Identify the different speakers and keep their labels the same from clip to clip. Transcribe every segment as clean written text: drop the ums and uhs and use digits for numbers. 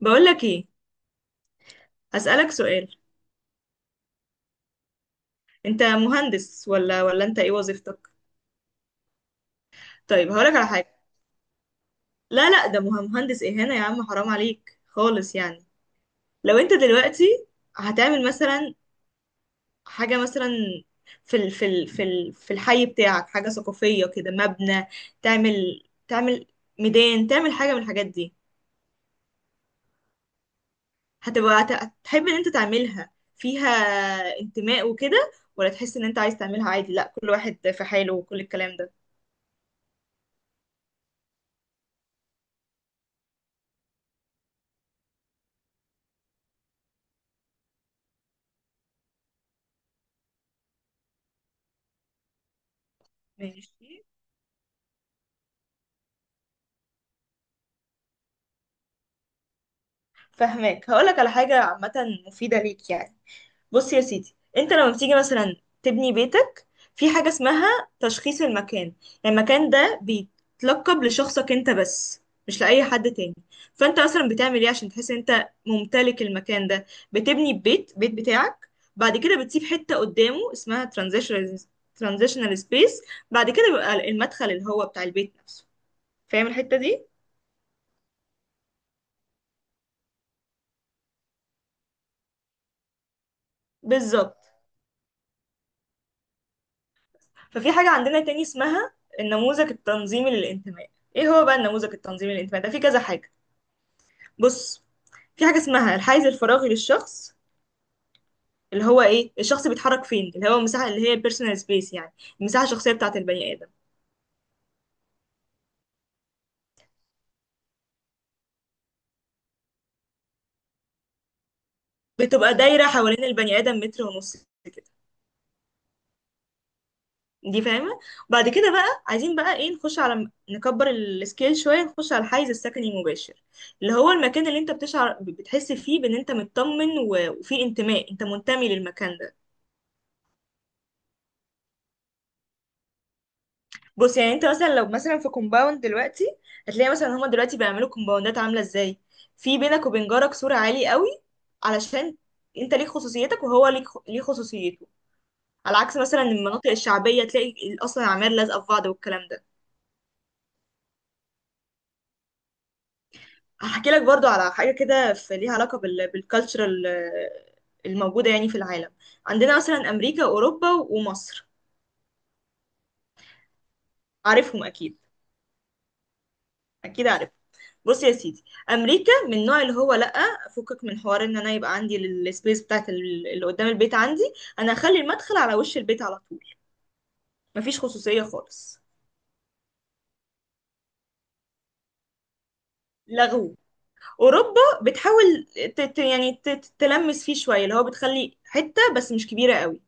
Speaker 1: بقولك ايه؟ هسألك سؤال. انت مهندس ولا انت ايه وظيفتك؟ طيب هقولك على حاجة. لا لا ده مهندس اهانة يا عم، حرام عليك خالص يعني. لو انت دلوقتي هتعمل مثلا حاجة مثلا في ال في ال في ال في الحي بتاعك حاجة ثقافية كده، مبنى، تعمل ميدان، تعمل حاجة من الحاجات دي، هتحب ان انت تعملها، فيها انتماء وكده، ولا تحس ان انت عايز تعملها عادي، لا كل واحد في حاله وكل الكلام ده؟ ماشي، فهماك. هقولك على حاجة عامة مفيدة ليك يعني. بص يا سيدي، انت لما بتيجي مثلا تبني بيتك، في حاجة اسمها تشخيص المكان. يعني المكان ده بيتلقب لشخصك انت بس، مش لأي حد تاني. فانت مثلا بتعمل ايه عشان تحس ان انت ممتلك المكان ده؟ بتبني بيت بتاعك، بعد كده بتسيب حتة قدامه اسمها ترانزيشنال سبيس، بعد كده بيبقى المدخل اللي هو بتاع البيت نفسه. فاهم الحتة دي؟ بالظبط. ففي حاجة عندنا تاني اسمها النموذج التنظيمي للانتماء. ايه هو بقى النموذج التنظيمي للانتماء ده؟ في كذا حاجة. بص، في حاجة اسمها الحيز الفراغي للشخص، اللي هو ايه؟ الشخص بيتحرك فين، اللي هو المساحة، اللي هي البيرسونال سبيس يعني المساحة الشخصية بتاعة البني آدم. بتبقى دايرة حوالين البني آدم متر ونص كده. دي فاهمة. بعد كده بقى عايزين بقى ايه؟ نخش على، نكبر السكيل شوية، نخش على الحيز السكني المباشر اللي هو المكان اللي انت بتشعر بتحس فيه بان انت مطمن وفيه انتماء، انت منتمي للمكان ده. بص، يعني انت مثلا لو مثلا في كومباوند دلوقتي، هتلاقي مثلا هما دلوقتي بيعملوا كومباوندات عامله ازاي؟ في بينك وبين جارك سور عالي قوي، علشان انت ليك خصوصيتك وهو ليك خصوصيته. على عكس مثلا المناطق الشعبيه، تلاقي اصلا العماير لازقه في بعض والكلام ده. هحكي لك برضو على حاجه كده في ليها علاقه بالكالتشرال الموجوده يعني في العالم. عندنا مثلا امريكا واوروبا ومصر، عارفهم اكيد، اكيد عارف. بص يا سيدي، امريكا من النوع اللي هو لا فكك من حوار ان انا يبقى عندي السبيس بتاعت اللي قدام البيت عندي، انا هخلي المدخل على وش البيت على طول، مفيش خصوصية خالص. لغو. اوروبا بتحاول تلمس فيه شوية، اللي هو بتخلي حتة بس مش كبيرة قوي.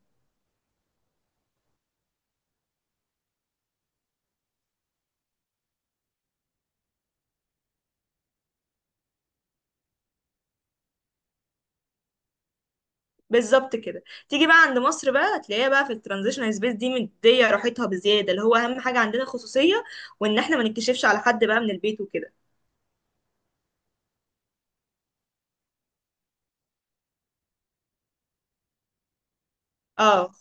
Speaker 1: بالظبط كده. تيجي بقى عند مصر بقى، هتلاقيها بقى في الترانزيشنال سبيس دي مديه راحتها بزياده، اللي هو اهم حاجه عندنا خصوصيه، وان احنا ما نكتشفش على حد بقى من البيت وكده. اه.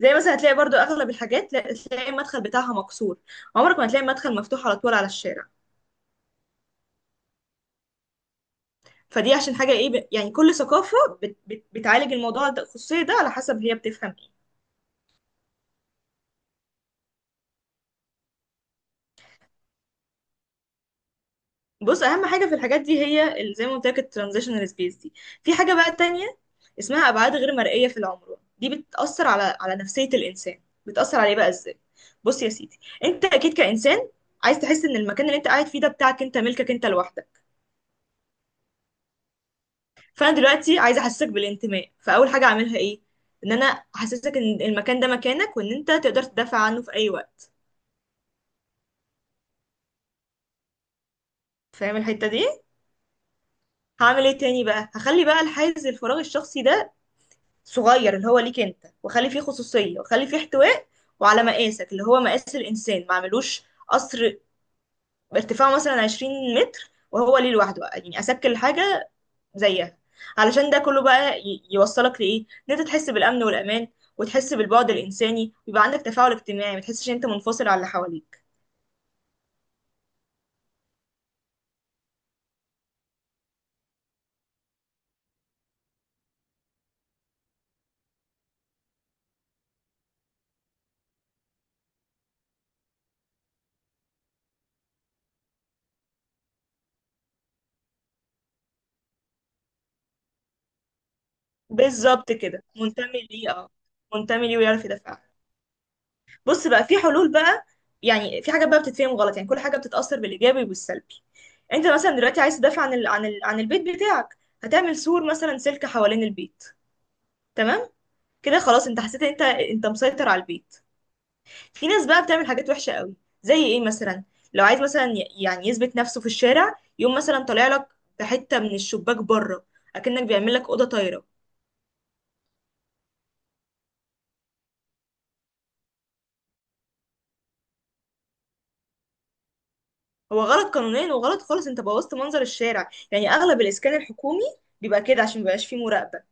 Speaker 1: زي مثلا هتلاقي برضو اغلب الحاجات تلاقي المدخل بتاعها مكسور، عمرك ما تلاقي المدخل مفتوح على طول على الشارع. فدي عشان حاجه ايه؟ يعني كل ثقافه بت بت بتعالج الموضوع ده، الخصوصيه ده على حسب هي بتفهم ايه. بص، اهم حاجه في الحاجات دي هي زي ما قلت لك الترانزيشنال سبيس دي. في حاجه بقى تانية اسمها ابعاد غير مرئيه في العمر. دي بتاثر على على نفسيه الانسان. بتاثر عليه بقى ازاي؟ بص يا سيدي، انت اكيد كانسان عايز تحس ان المكان اللي انت قاعد فيه ده بتاعك انت، ملكك انت لوحدك. فانا دلوقتي عايزه احسسك بالانتماء، فاول حاجه اعملها ايه؟ ان انا احسسك ان المكان ده مكانك، وان انت تقدر تدافع عنه في اي وقت. فاهم الحته دي؟ هعمل ايه تاني بقى؟ هخلي بقى الحيز الفراغ الشخصي ده صغير اللي هو ليك انت، واخلي فيه خصوصيه، واخلي فيه احتواء، وعلى مقاسك اللي هو مقاس الانسان. ما اعملوش قصر ارتفاعه مثلا 20 متر وهو ليه لوحده يعني، اسكل حاجه زيها. علشان ده كله بقى يوصلك لإيه؟ ان انت تحس بالأمن والأمان، وتحس بالبعد الإنساني، ويبقى عندك تفاعل اجتماعي، ما تحسش ان انت منفصل عن اللي حواليك. بالظبط كده، منتمي ليه، اه منتمي ليه ويعرف يدافع. بص بقى، في حلول بقى. يعني في حاجات بقى بتتفهم غلط، يعني كل حاجة بتتأثر بالإيجابي والسلبي. انت مثلا دلوقتي عايز تدافع عن عن البيت بتاعك، هتعمل سور مثلا سلك حوالين البيت، تمام؟ كده خلاص، انت حسيت ان انت مسيطر على البيت. في ناس بقى بتعمل حاجات وحشة قوي. زي ايه مثلا؟ لو عايز مثلا يعني يثبت نفسه في الشارع، يقوم مثلا طالع لك بحتة من الشباك بره، اكنك بيعمل لك أوضة طايرة. هو غلط قانونيا وغلط خالص، انت بوظت منظر الشارع. يعني اغلب الاسكان الحكومي بيبقى كده عشان مبيبقاش فيه مراقبة.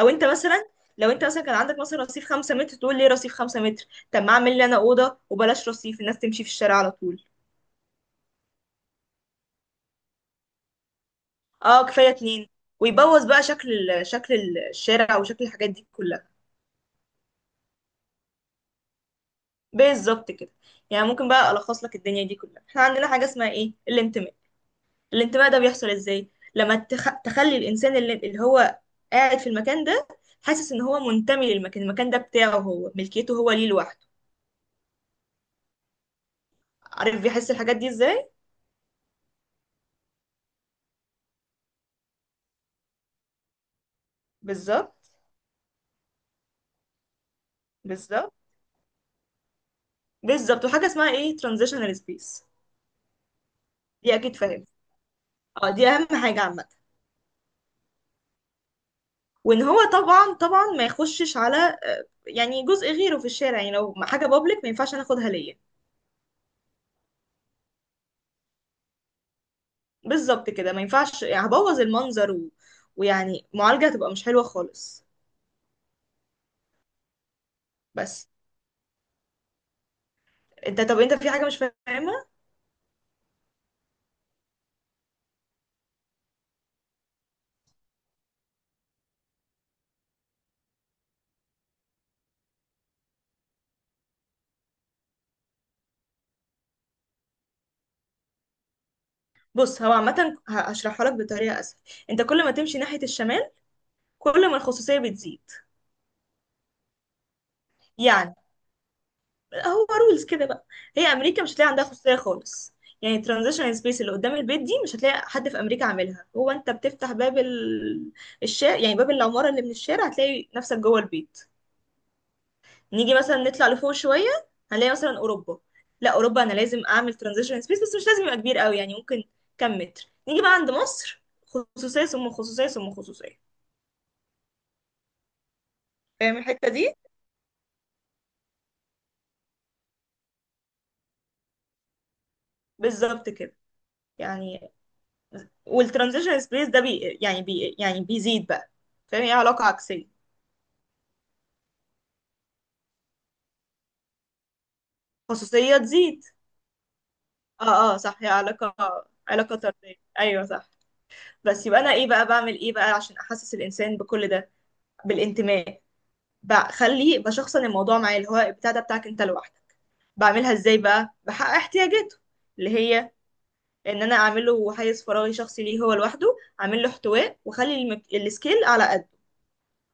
Speaker 1: او انت مثلا، لو انت مثلا كان عندك مثلا رصيف خمسة متر، تقول ليه رصيف خمسة متر؟ طب ما اعمل لي انا أوضة وبلاش، رصيف الناس تمشي في الشارع على طول. اه كفاية اتنين. ويبوظ بقى شكل الشارع وشكل الحاجات دي كلها. بالظبط كده. يعني ممكن بقى الخص لك الدنيا دي كلها. احنا عندنا حاجه اسمها ايه؟ الانتماء. الانتماء ده بيحصل ازاي؟ لما تخلي الانسان اللي هو قاعد في المكان ده حاسس ان هو منتمي للمكان، المكان ده بتاعه هو، ملكيته هو، ليه لوحده. عارف بيحس الحاجات دي ازاي؟ بالظبط. بالظبط. بالظبط. وحاجه اسمها ايه؟ ترانزيشنال سبيس، دي اكيد فاهم. اه دي اهم حاجه عامه. وان هو طبعا، طبعا ما يخشش على يعني جزء غيره في الشارع. يعني لو حاجه بابليك ما ينفعش ناخدها ليا. بالظبط كده، ما ينفعش، يعني هبوظ المنظر، و... ويعني معالجة هتبقى مش حلوة خالص. بس، انت، طب انت في حاجة مش فاهمها؟ بص هو عامة هشرحها لك بطريقة اسهل. انت كل ما تمشي ناحية الشمال، كل ما الخصوصية بتزيد. يعني هو رولز كده بقى. هي امريكا مش هتلاقي عندها خصوصية خالص، يعني ترانزيشنال سبيس اللي قدام البيت دي مش هتلاقي حد في امريكا عاملها، هو انت بتفتح باب الشارع يعني، باب العمارة، اللي من الشارع هتلاقي نفسك جوه البيت. نيجي مثلا نطلع لفوق شويه، هنلاقي مثلا اوروبا، لا اوروبا انا لازم اعمل ترانزيشن سبيس بس مش لازم يبقى كبير قوي، يعني ممكن كام متر. نيجي بقى عند مصر، خصوصيه ثم خصوصيه ثم خصوصيه. فاهم الحته دي؟ بالظبط كده، يعني والترانزيشن سبيس ده بي يعني بي يعني بيزيد بقى. فاهم؟ هي علاقه عكسيه. خصوصيه تزيد. اه اه صح، هي علاقه، علاقه طرديه، ايوه صح. بس يبقى انا ايه بقى، بعمل ايه بقى عشان احسس الانسان بكل ده، بالانتماء؟ بخليه، بشخصن الموضوع معاه، اللي هو البتاع ده بتاعك انت لوحدك. بعملها ازاي بقى؟ بحقق احتياجاته، اللي هي ان انا اعمل له حيز فراغي شخصي ليه هو لوحده، اعمل له احتواء، واخلي السكيل على قده.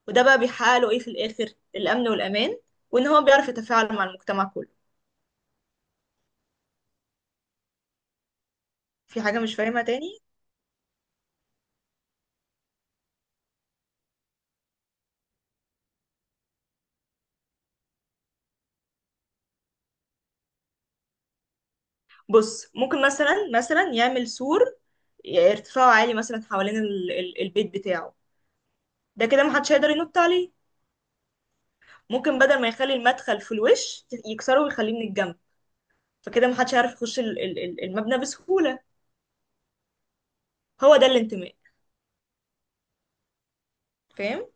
Speaker 1: وده بقى بيحقق له ايه في الاخر؟ الامن والامان، وان هو بيعرف يتفاعل مع المجتمع كله. في حاجه مش فاهمها تاني؟ بص، ممكن مثلا يعمل سور ارتفاعه عالي مثلا حوالين البيت بتاعه، ده كده محدش هيقدر ينط عليه. ممكن بدل ما يخلي المدخل في الوش يكسره ويخليه من الجنب، فكده محدش هيعرف يخش المبنى بسهولة. هو ده الانتماء. فاهم؟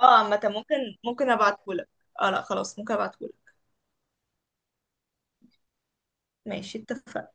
Speaker 1: اه عامة ممكن، ابعتهولك. اه لا خلاص، ممكن ابعتهولك. ماشي، اتفقنا.